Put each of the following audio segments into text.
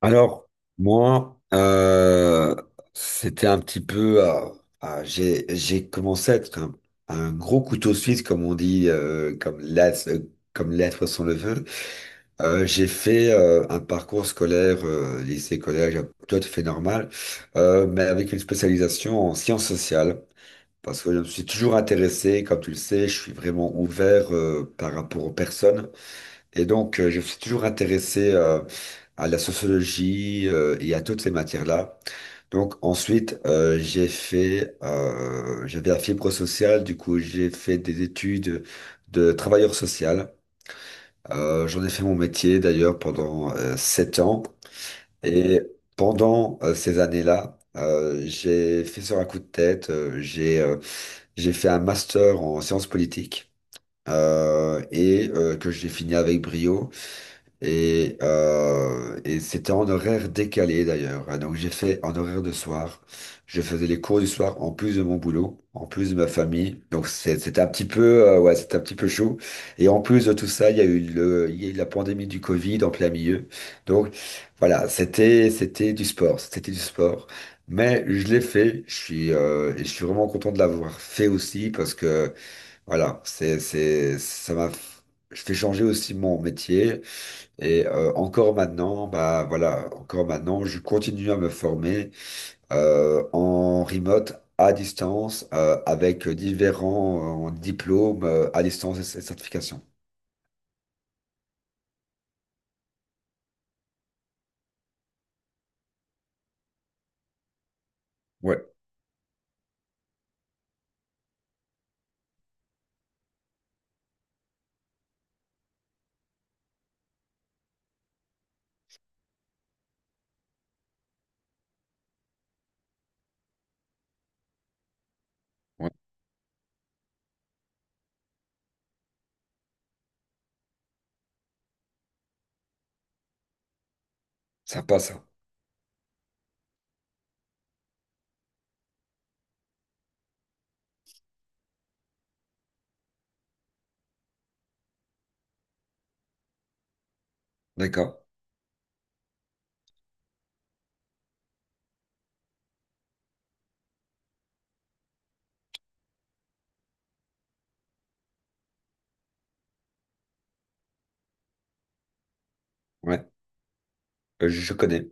Alors, moi, c'était un petit peu, j'ai commencé à être un gros couteau suisse, comme on dit, comme l'être sans le veut. J'ai fait un parcours scolaire, lycée, collège, tout à fait normal, mais avec une spécialisation en sciences sociales. Parce que je me suis toujours intéressé, comme tu le sais, je suis vraiment ouvert par rapport aux personnes. Et donc, je me suis toujours intéressé à la sociologie et à toutes ces matières-là. Donc, ensuite, j'avais la fibre sociale, du coup, j'ai fait des études de travailleur social. J'en ai fait mon métier d'ailleurs pendant 7 ans. Et pendant ces années-là, j'ai fait sur un coup de tête, j'ai fait un master en sciences politiques et que j'ai fini avec brio. Et c'était en horaire décalé d'ailleurs, hein. Donc j'ai fait en horaire de soir. Je faisais les cours du soir en plus de mon boulot, en plus de ma famille. Donc c'était un petit peu, ouais, c'était un petit peu chaud. Et en plus de tout ça, il y a eu la pandémie du Covid en plein milieu. Donc voilà, c'était du sport, c'était du sport. Mais je l'ai fait. Et je suis vraiment content de l'avoir fait aussi, parce que voilà, ça m'a. Je fais changer aussi mon métier. Et encore maintenant, bah voilà, encore maintenant, je continue à me former en remote, à distance, avec différents diplômes à distance et certifications. Ouais, ouais, sympa ça. D'accord. Ouais. Je connais.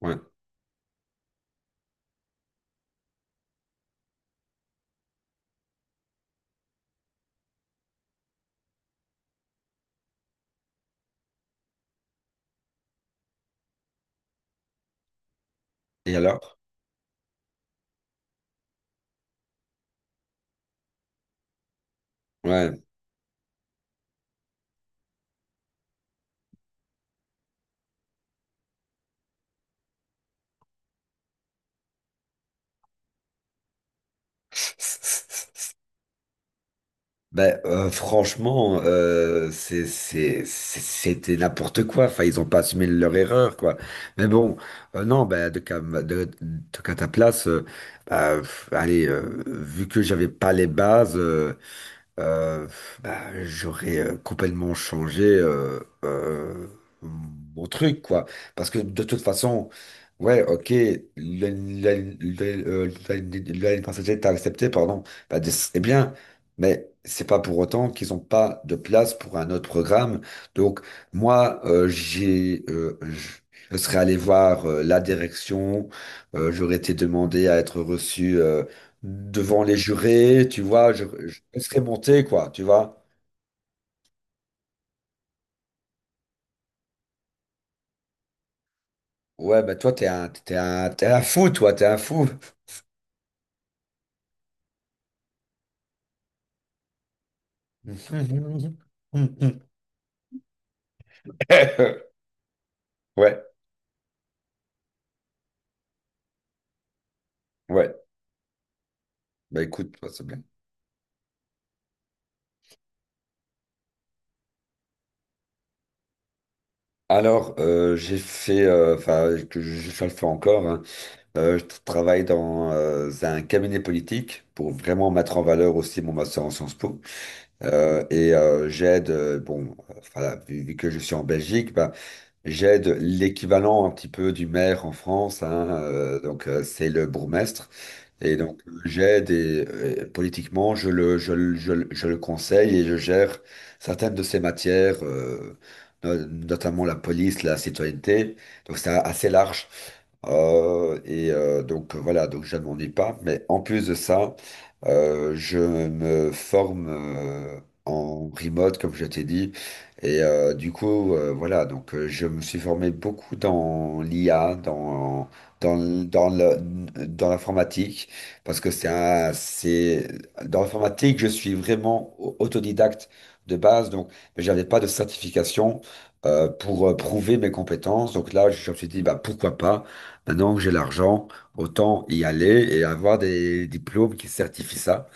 Ouais. Et alors? Ouais. Ben, franchement, c'était n'importe quoi. Enfin, ils ont pas assumé leur erreur, quoi. Mais bon, non, ben, de, cas ta place, bah, pff, allez, vu que j'avais pas les bases, euh, bah, j'aurais complètement changé euh, mon truc, quoi. Parce que de toute façon, ouais, ok, l'année passagère t'a accepté, pardon, bah, c'est bien, mais c'est pas pour autant qu'ils ont pas de place pour un autre programme. Donc, moi, j'ai, je serais allé voir la direction, j'aurais été demandé à être reçu, devant les jurés, tu vois, je laisserai monter, quoi, tu vois. Ouais, bah toi, t'es un fou, toi, t'es un fou. Ouais, ouais. Bah écoute, bah, c'est bien. Alors, enfin, que je le fais encore, hein. Je travaille dans un cabinet politique pour vraiment mettre en valeur aussi mon master en Sciences Po. Bon, voilà, vu que je suis en Belgique, bah, j'aide l'équivalent un petit peu du maire en France, hein, donc c'est le bourgmestre. Et donc j'aide, et politiquement, je le conseille et je gère certaines de ses matières, notamment la police, la citoyenneté. Donc c'est assez large. Donc voilà, donc je ne m'en ai pas. Mais en plus de ça, je me forme en remote, comme je t'ai dit. Du coup, voilà, donc je me suis formé beaucoup dans l'IA, dans l'informatique, parce que dans l'informatique, je suis vraiment autodidacte de base, donc j'avais pas de certification pour prouver mes compétences. Donc là, je me suis dit, bah, pourquoi pas? Maintenant que j'ai l'argent, autant y aller et avoir des diplômes qui certifient ça.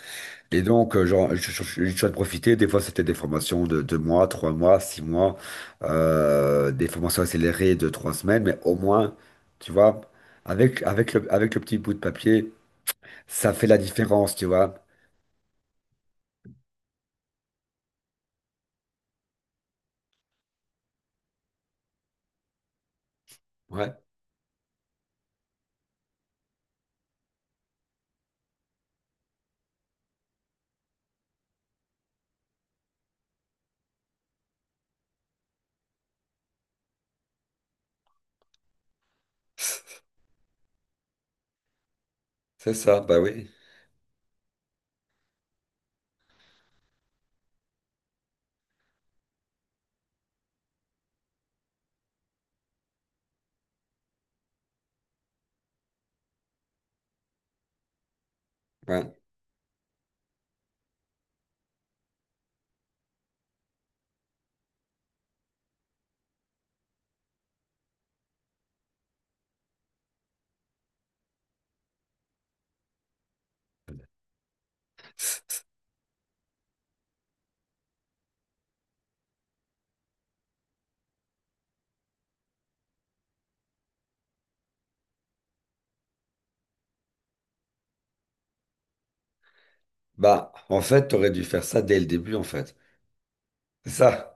Et donc, genre, je suis en profiter. Des fois, c'était des formations de 2 mois, 3 mois, 6 mois, des formations accélérées de 3 semaines. Mais au moins, tu vois, avec le petit bout de papier, ça fait la différence, tu vois. Ouais, c'est ça, bah oui. Ouais. Bah, en fait, t'aurais dû faire ça dès le début, en fait. C'est ça.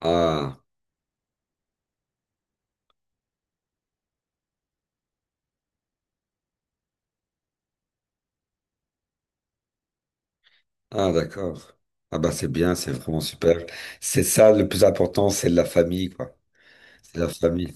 Ah. Ah, d'accord. Ah, bah, c'est bien, c'est vraiment super. C'est ça, le plus important, c'est la famille, quoi. C'est la famille.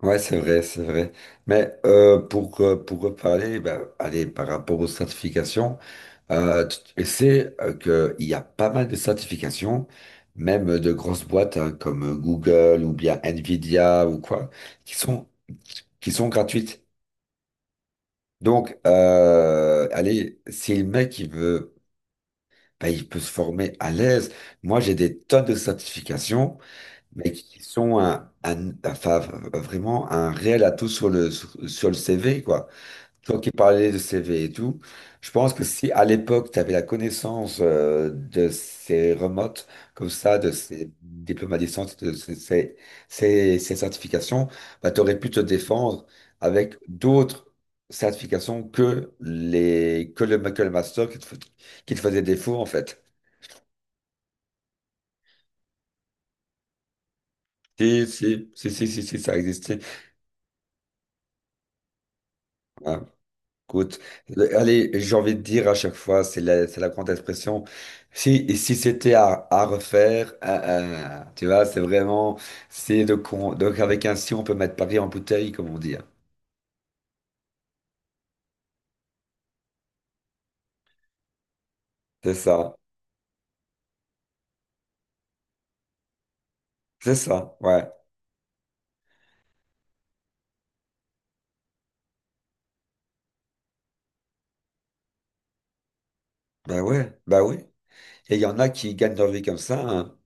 Ouais, c'est vrai, c'est vrai. Mais pour reparler, ben allez, par rapport aux certifications, tu sais que qu'il y a pas mal de certifications, même de grosses boîtes hein, comme Google ou bien Nvidia ou quoi, qui sont, qui sont gratuites. Donc, allez, si le mec, il veut, ben, il peut se former à l'aise. Moi, j'ai des tonnes de certifications, mais qui sont enfin, vraiment un réel atout sur le CV, quoi. Toi qui parlais de CV et tout, je pense que si à l'époque, tu avais la connaissance de ces remotes, comme ça, de ces diplômes à distance, de ces, ces, ces- ces certifications, ben, tu aurais pu te défendre avec d'autres certifications que le master qui te faisait défaut, en fait. Si, si, si, si, si, si, ça existait. Ah, écoute, allez, j'ai envie de dire à chaque fois, c'est la grande expression. Si, et si c'était à refaire, ah, ah, tu vois, c'est vraiment, c'est de con. Donc, avec un si, on peut mettre Paris en bouteille, comme on dit, hein. C'est ça, c'est ça, ouais. Ben ouais, bah oui. Et il y en a qui gagnent leur vie comme ça, hein.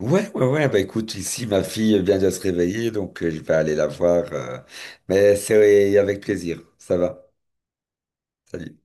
Ouais, ouais, ouais. Bah écoute, ici, ma fille vient de se réveiller, donc je vais aller la voir, mais c'est avec plaisir. Ça va. Salut.